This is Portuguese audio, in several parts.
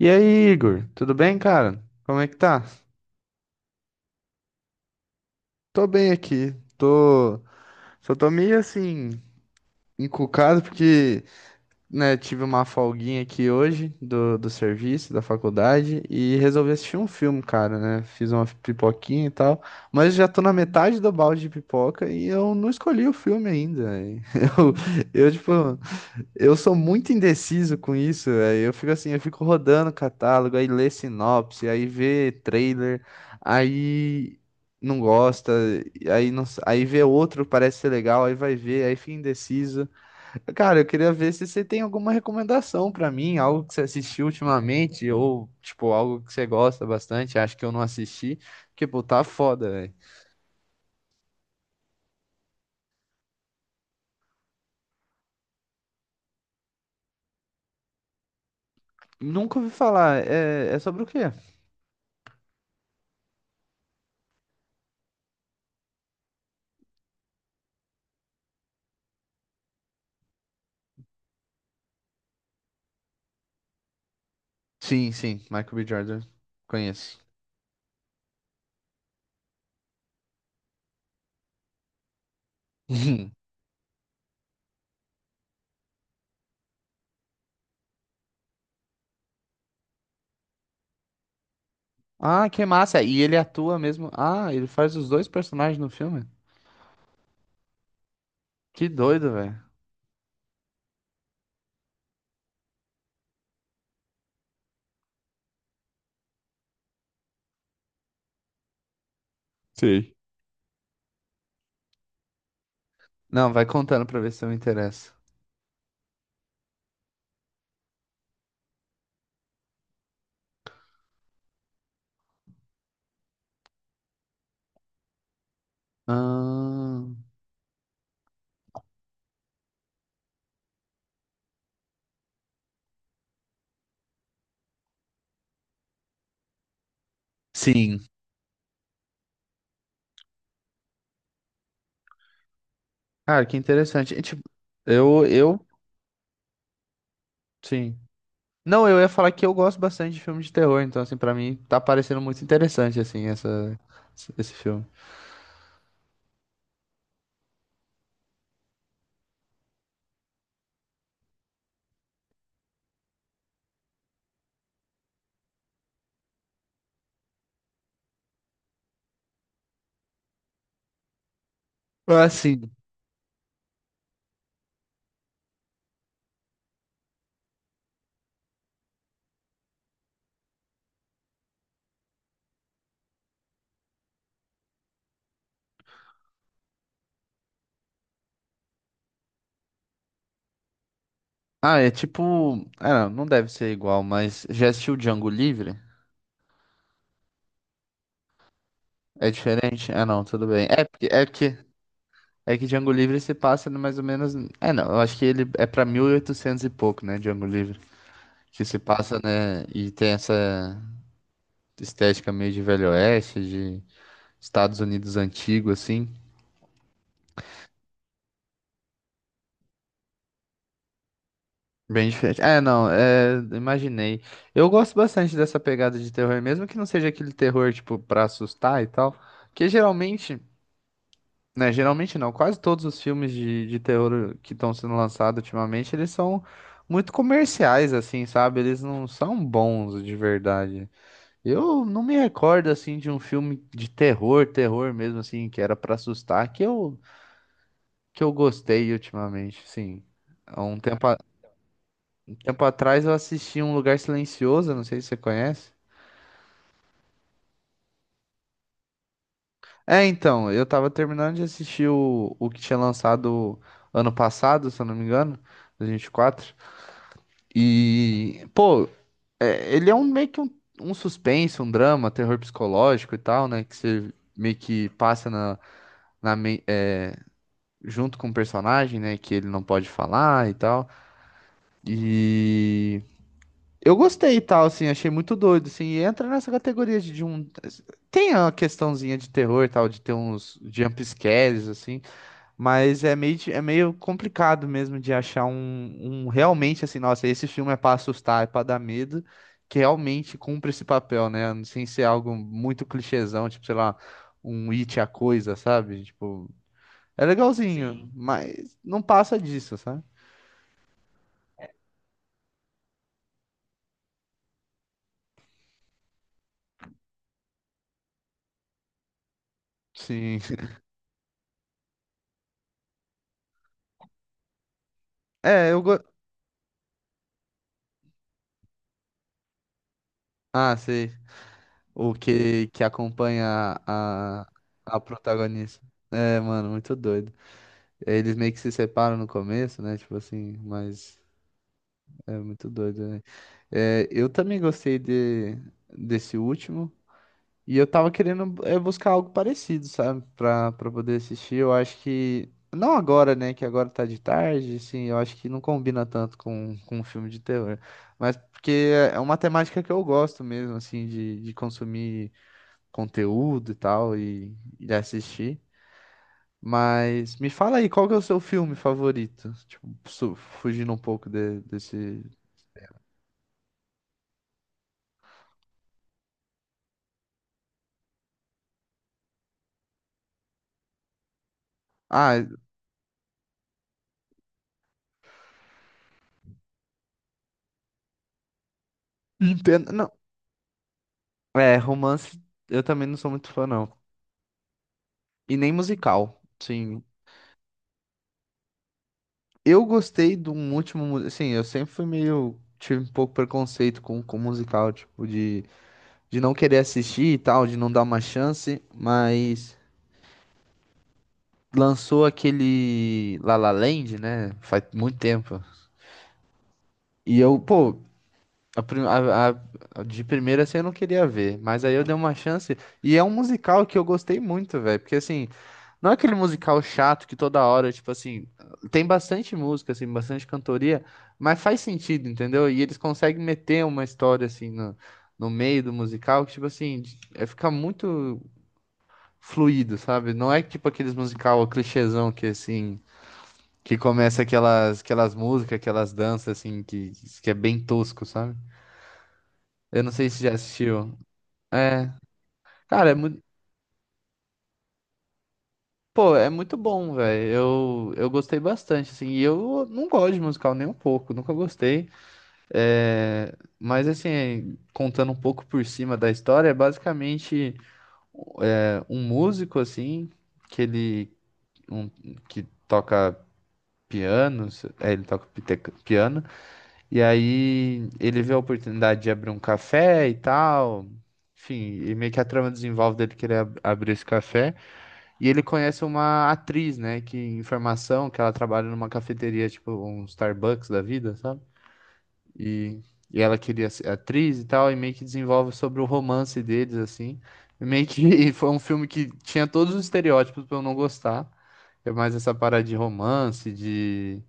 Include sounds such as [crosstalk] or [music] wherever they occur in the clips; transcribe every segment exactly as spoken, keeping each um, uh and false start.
E aí, Igor, tudo bem, cara? Como é que tá? Tô bem aqui. Tô, só tô meio assim encucado porque, né, tive uma folguinha aqui hoje do, do serviço, da faculdade e resolvi assistir um filme, cara, né? Fiz uma pipoquinha e tal, mas já tô na metade do balde de pipoca e eu não escolhi o filme ainda. [laughs] Eu, eu tipo, Eu sou muito indeciso com isso, velho. Eu fico assim, eu fico rodando o catálogo, aí lê sinopse, aí vê trailer, aí não gosta, aí não, s- aí vê outro, parece ser legal, aí vai ver, aí fica indeciso. Cara, eu queria ver se você tem alguma recomendação pra mim, algo que você assistiu ultimamente, ou tipo, algo que você gosta bastante, acho que eu não assisti, porque, pô, tá foda, velho. Nunca ouvi falar, é, é sobre o quê? Sim, sim, Michael B. Jordan, conheço. [laughs] Ah, que massa. E ele atua mesmo. Ah, ele faz os dois personagens no filme? Que doido, velho. Sei. Não, vai contando pra ver se eu me interesso. Ah, sim. Cara, que interessante. E, tipo, eu, eu, sim. Não, eu ia falar que eu gosto bastante de filme de terror, então, assim, pra mim tá parecendo muito interessante, assim, essa, esse filme. Ah, sim. Ah, é tipo. Ah, não, não deve ser igual, mas já assistiu Django Livre? É diferente? Ah, não, tudo bem. É porque, é porque É que Django Livre se passa no mais ou menos. É, não, eu acho que ele é pra mil e oitocentos e oitocentos e pouco, né? Django Livre. Que se passa, né? E tem essa estética meio de Velho Oeste, de Estados Unidos antigo, assim. Bem diferente. É, não, é, imaginei. Eu gosto bastante dessa pegada de terror, mesmo que não seja aquele terror, tipo, pra assustar e tal. Porque geralmente. Né, geralmente não. Quase todos os filmes de, de terror que estão sendo lançados ultimamente, eles são muito comerciais, assim, sabe? Eles não são bons de verdade. Eu não me recordo, assim, de um filme de terror, terror mesmo, assim, que era pra assustar, que eu, que eu gostei ultimamente, sim. Há um tempo, a- um tempo atrás eu assisti Um Lugar Silencioso, não sei se você conhece. É, então, eu tava terminando de assistir o, o que tinha lançado ano passado, se eu não me engano, dois mil e vinte e quatro. E, pô, é, ele é um meio que um, um suspense, um drama, terror psicológico e tal, né? Que você meio que passa na, na me- é, junto com o personagem, né? Que ele não pode falar e tal. E eu gostei e tal, assim, achei muito doido, assim. E entra nessa categoria de, de um. Tem a questãozinha de terror e tal, de ter uns jump scares, assim. Mas é meio, di- é meio complicado mesmo de achar um, um realmente assim, nossa, esse filme é pra assustar, é pra dar medo, que realmente cumpre esse papel, né? Sem ser algo muito clichêzão, tipo, sei lá, um It a coisa, sabe? Tipo, é legalzinho, sim, mas não passa disso, sabe? Sim. [laughs] É, eu go... Ah, sei. O que, que acompanha a, a protagonista. É, mano, muito doido. Eles meio que se separam no começo, né? Tipo assim, mas. É muito doido, né? É, eu também gostei de, desse último. E eu tava querendo é, buscar algo parecido, sabe? Pra, pra poder assistir. Eu acho que. Não agora, né? Que agora tá de tarde, assim. Eu acho que não combina tanto com, com um filme de terror. Mas porque é é uma temática que eu gosto mesmo, assim, de, de consumir conteúdo e tal, e, e de assistir. Mas me fala aí, qual que é o seu filme favorito? Tipo, su- fugindo um pouco de- desse. Ah, entendo. Não. É, romance eu também não sou muito fã, não. E nem musical, sim. Eu gostei de um último. mu- Assim, eu sempre fui meio. Tive um pouco preconceito com, com musical, tipo, de, de não querer assistir e tal, de não dar uma chance, mas lançou aquele La La Land, né? Faz muito tempo. E eu, pô, A, prim- a- a- a de primeira assim eu não queria ver, mas aí eu dei uma chance e é um musical que eu gostei muito, velho, porque assim, não é aquele musical chato que toda hora, tipo assim, tem bastante música assim, bastante cantoria, mas faz sentido, entendeu? E eles conseguem meter uma história assim no, no meio do musical que tipo assim, de- é ficar muito fluido, sabe? Não é tipo aqueles musical clichêzão que assim, que começa aquelas aquelas músicas, aquelas danças assim que que é bem tosco, sabe? Eu não sei se já assistiu. É, cara, é muito, pô, é muito bom, velho. Eu, eu gostei bastante, assim. E eu não gosto de musical nem um pouco, nunca gostei. É, mas assim, contando um pouco por cima da história, é basicamente é, um músico assim que ele um, que toca piano, se- é, ele toca pite- piano. E aí ele vê a oportunidade de abrir um café e tal. Enfim, e meio que a trama desenvolve dele querer ab- abrir esse café. E ele conhece uma atriz, né, que em formação, que ela trabalha numa cafeteria, tipo um Starbucks da vida, sabe? E, e ela queria ser atriz e tal, e meio que desenvolve sobre o romance deles, assim. E meio que [laughs] foi um filme que tinha todos os estereótipos pra eu não gostar. É mais essa parada de romance, de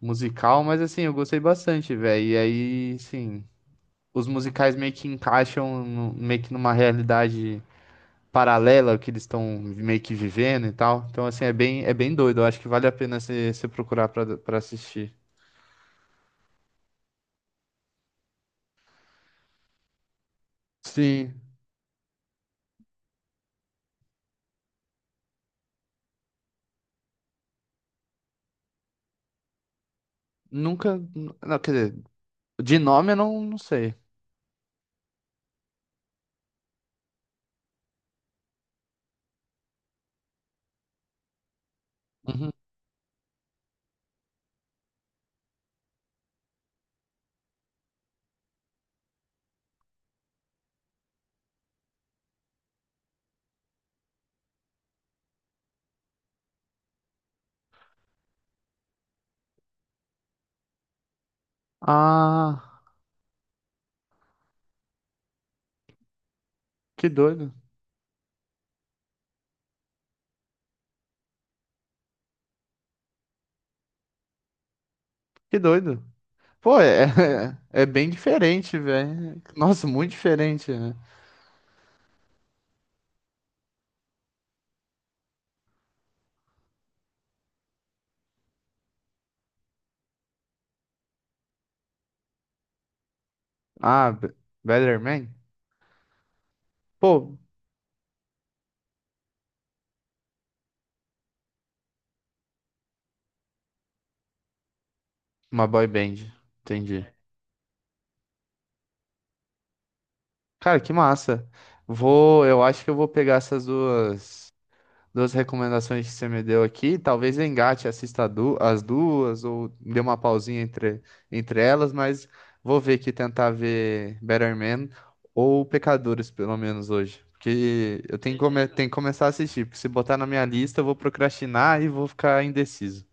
musical, mas assim, eu gostei bastante, velho. E aí, sim, os musicais meio que encaixam no- meio que numa realidade paralela que eles estão meio que vivendo e tal. Então, assim, é bem, é bem doido. Eu acho que vale a pena você você procurar pra pra assistir. Sim, nunca. Não, quer dizer, de nome eu não, não sei. Uhum. Ah, que doido, que doido. Pô, é, [laughs] é bem diferente, velho. Nossa, muito diferente, né? Ah, Be- Better Man? Pô, uma boy band, entendi. Cara, que massa. Vou, eu acho que eu vou pegar essas duas. Duas recomendações que você me deu aqui. Talvez eu engate, assista a du- as duas, ou dê uma pausinha entre, entre elas, mas vou ver aqui, tentar ver Better Man ou Pecadores, pelo menos hoje. Porque eu tenho que, come- tenho que começar a assistir, porque se botar na minha lista, eu vou procrastinar e vou ficar indeciso.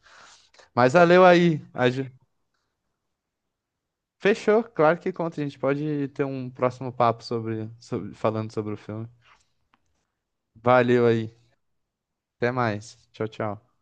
Mas valeu aí. Aju- Fechou, claro que conta. A gente pode ter um próximo papo sobre, sobre- falando sobre o filme. Valeu aí. Até mais. Tchau, tchau.